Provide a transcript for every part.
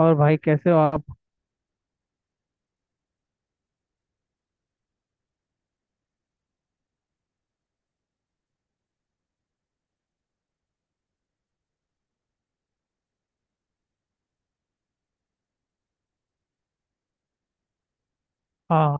और भाई कैसे हो आप। हाँ।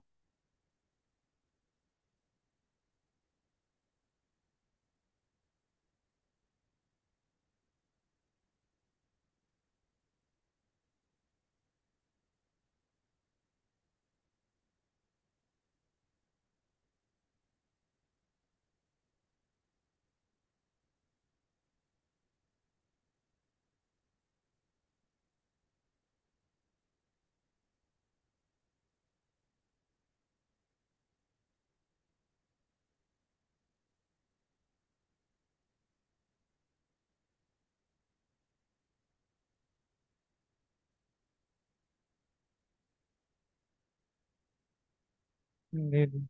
जी जी,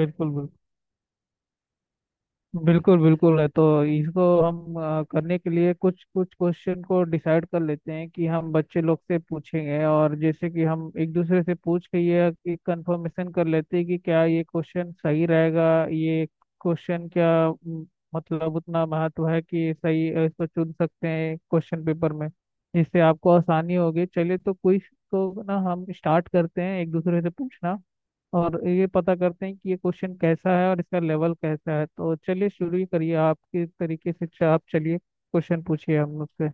बिल्कुल बिल्कुल। बिल्कुल बिल्कुल है तो इसको हम करने के लिए कुछ कुछ क्वेश्चन को डिसाइड कर लेते हैं कि हम बच्चे लोग से पूछेंगे, और जैसे कि हम एक दूसरे से पूछ के ये एक कंफर्मेशन कर लेते हैं कि क्या ये क्वेश्चन सही रहेगा। ये क्वेश्चन क्या मतलब उतना महत्व है कि सही इसको चुन सकते हैं क्वेश्चन पेपर में, जिससे आपको आसानी होगी। चलिए तो क्विज को ना हम स्टार्ट करते हैं एक दूसरे से पूछना, और ये पता करते हैं कि ये क्वेश्चन कैसा है और इसका लेवल कैसा है। तो चलिए शुरू ही करिए आपके तरीके से, आप चलिए क्वेश्चन पूछिए हम मुझसे।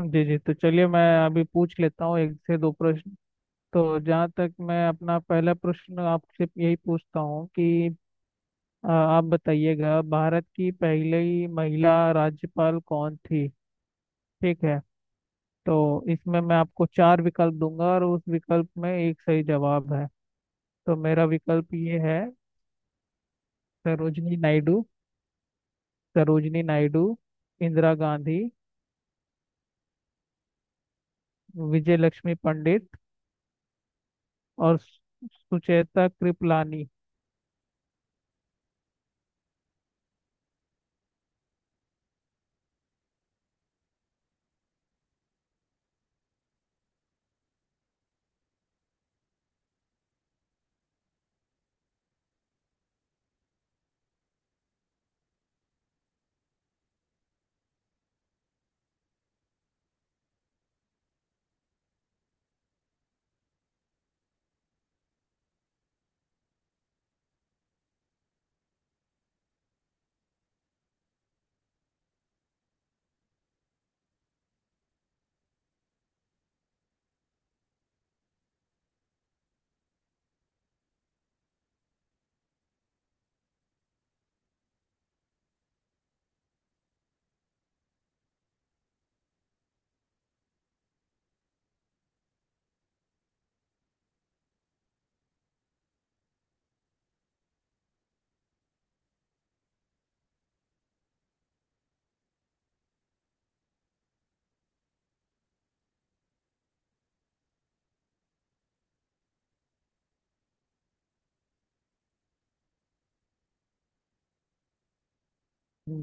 जी जी, तो चलिए मैं अभी पूछ लेता हूँ एक से दो प्रश्न। तो जहाँ तक, मैं अपना पहला प्रश्न आपसे यही पूछता हूँ कि आप बताइएगा, भारत की पहली महिला राज्यपाल कौन थी। ठीक है, तो इसमें मैं आपको चार विकल्प दूंगा और उस विकल्प में एक सही जवाब है। तो मेरा विकल्प ये है। सरोजनी नायडू। सरोजनी नायडू। इंदिरा गांधी। विजय लक्ष्मी पंडित। और सुचेता कृपलानी।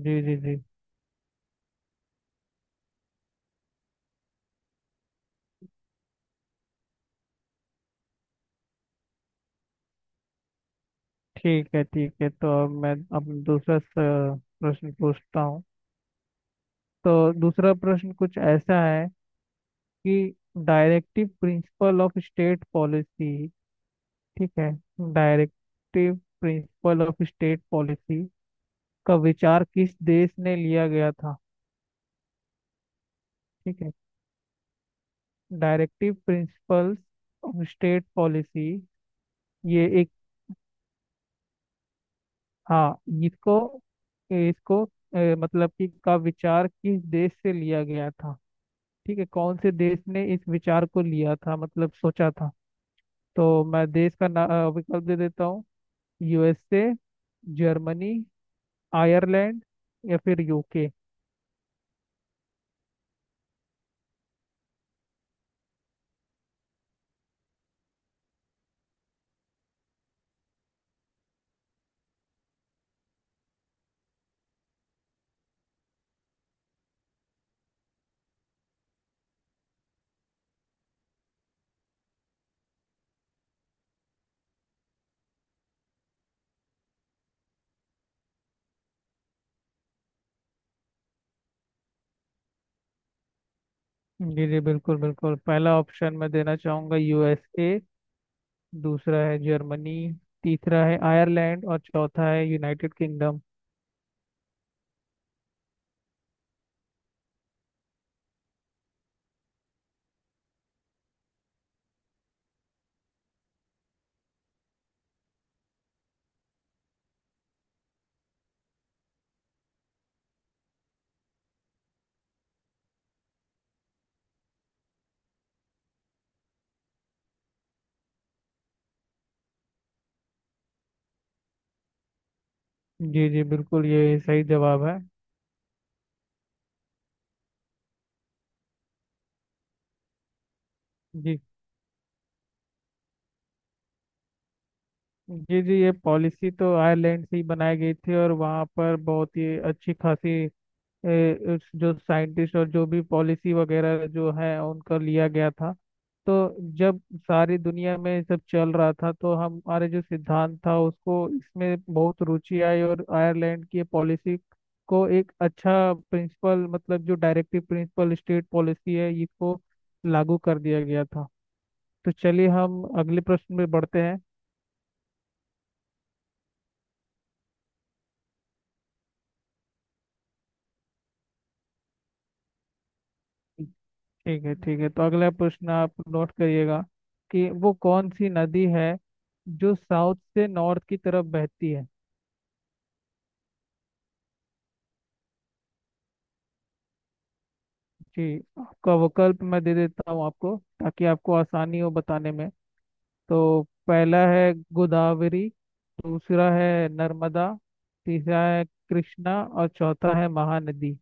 जी जी जी। ठीक है ठीक है, तो अब मैं अब दूसरा प्रश्न पूछता हूँ। तो दूसरा प्रश्न कुछ ऐसा है कि directive principle of state policy. ठीक है। Directive principle of state policy का विचार किस देश ने लिया गया था। ठीक है। Directive principles of state policy, ये एक, हाँ, इसको इसको मतलब कि का विचार किस देश से लिया गया था। ठीक है, कौन से देश ने इस विचार को लिया था, मतलब सोचा था। तो मैं देश का ना विकल्प दे देता हूँ। यूएसए। जर्मनी। आयरलैंड। या फिर यूके। जी जी, बिल्कुल बिल्कुल, पहला ऑप्शन मैं देना चाहूँगा यूएसए। दूसरा है जर्मनी। तीसरा है आयरलैंड। और चौथा है यूनाइटेड किंगडम। जी जी बिल्कुल, ये सही जवाब है। जी जी जी, ये पॉलिसी तो आयरलैंड से ही बनाई गई थी और वहाँ पर बहुत ही अच्छी खासी जो साइंटिस्ट और जो भी पॉलिसी वगैरह जो है उनका लिया गया था। तो जब सारी दुनिया में ये सब चल रहा था, तो हमारे जो सिद्धांत था उसको इसमें बहुत रुचि आई, और आयरलैंड की पॉलिसी को एक अच्छा प्रिंसिपल, मतलब जो डायरेक्टिव प्रिंसिपल स्टेट पॉलिसी है, इसको लागू कर दिया गया था। तो चलिए हम अगले प्रश्न में बढ़ते हैं। ठीक है ठीक है, तो अगला प्रश्न आप नोट करिएगा कि वो कौन सी नदी है जो साउथ से नॉर्थ की तरफ बहती है। जी, आपका विकल्प मैं दे देता हूँ आपको ताकि आपको आसानी हो बताने में। तो पहला है गोदावरी। दूसरा है नर्मदा। तीसरा है कृष्णा और चौथा है महानदी।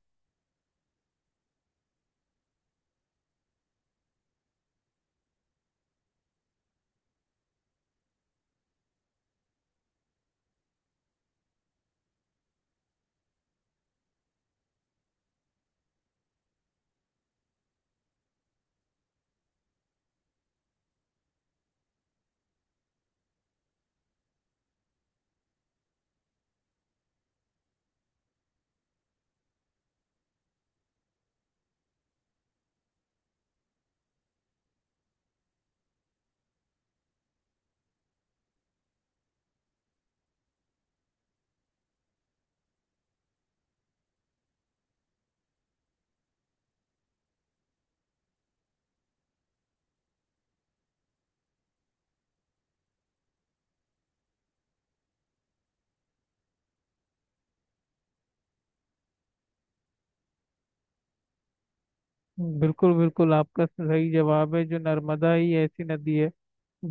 बिल्कुल बिल्कुल, आपका सही जवाब है। जो नर्मदा ही ऐसी नदी है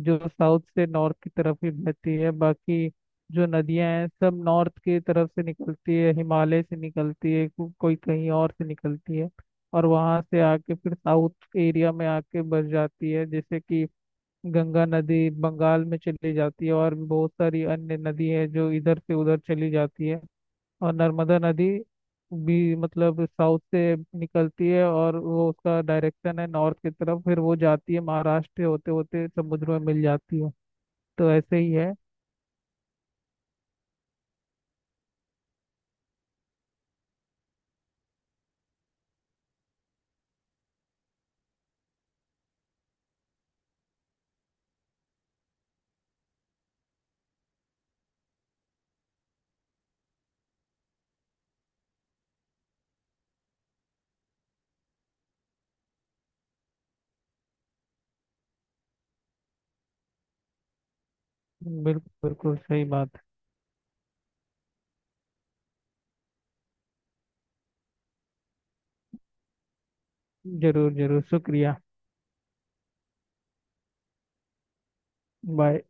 जो साउथ से नॉर्थ की तरफ ही बहती है। बाकी जो नदियां हैं सब नॉर्थ की तरफ से निकलती है, हिमालय से निकलती है, कोई कहीं और से निकलती है और वहां से आके फिर साउथ एरिया में आके बस जाती है। जैसे कि गंगा नदी बंगाल में चली जाती है, और बहुत सारी अन्य नदी है जो इधर से उधर चली जाती है। और नर्मदा नदी भी मतलब साउथ से निकलती है और वो उसका डायरेक्शन है नॉर्थ की तरफ, फिर वो जाती है महाराष्ट्र होते होते समुद्र में मिल जाती है। तो ऐसे ही है। बिल्कुल बिल्कुल सही बात। जरूर जरूर, शुक्रिया। बाय।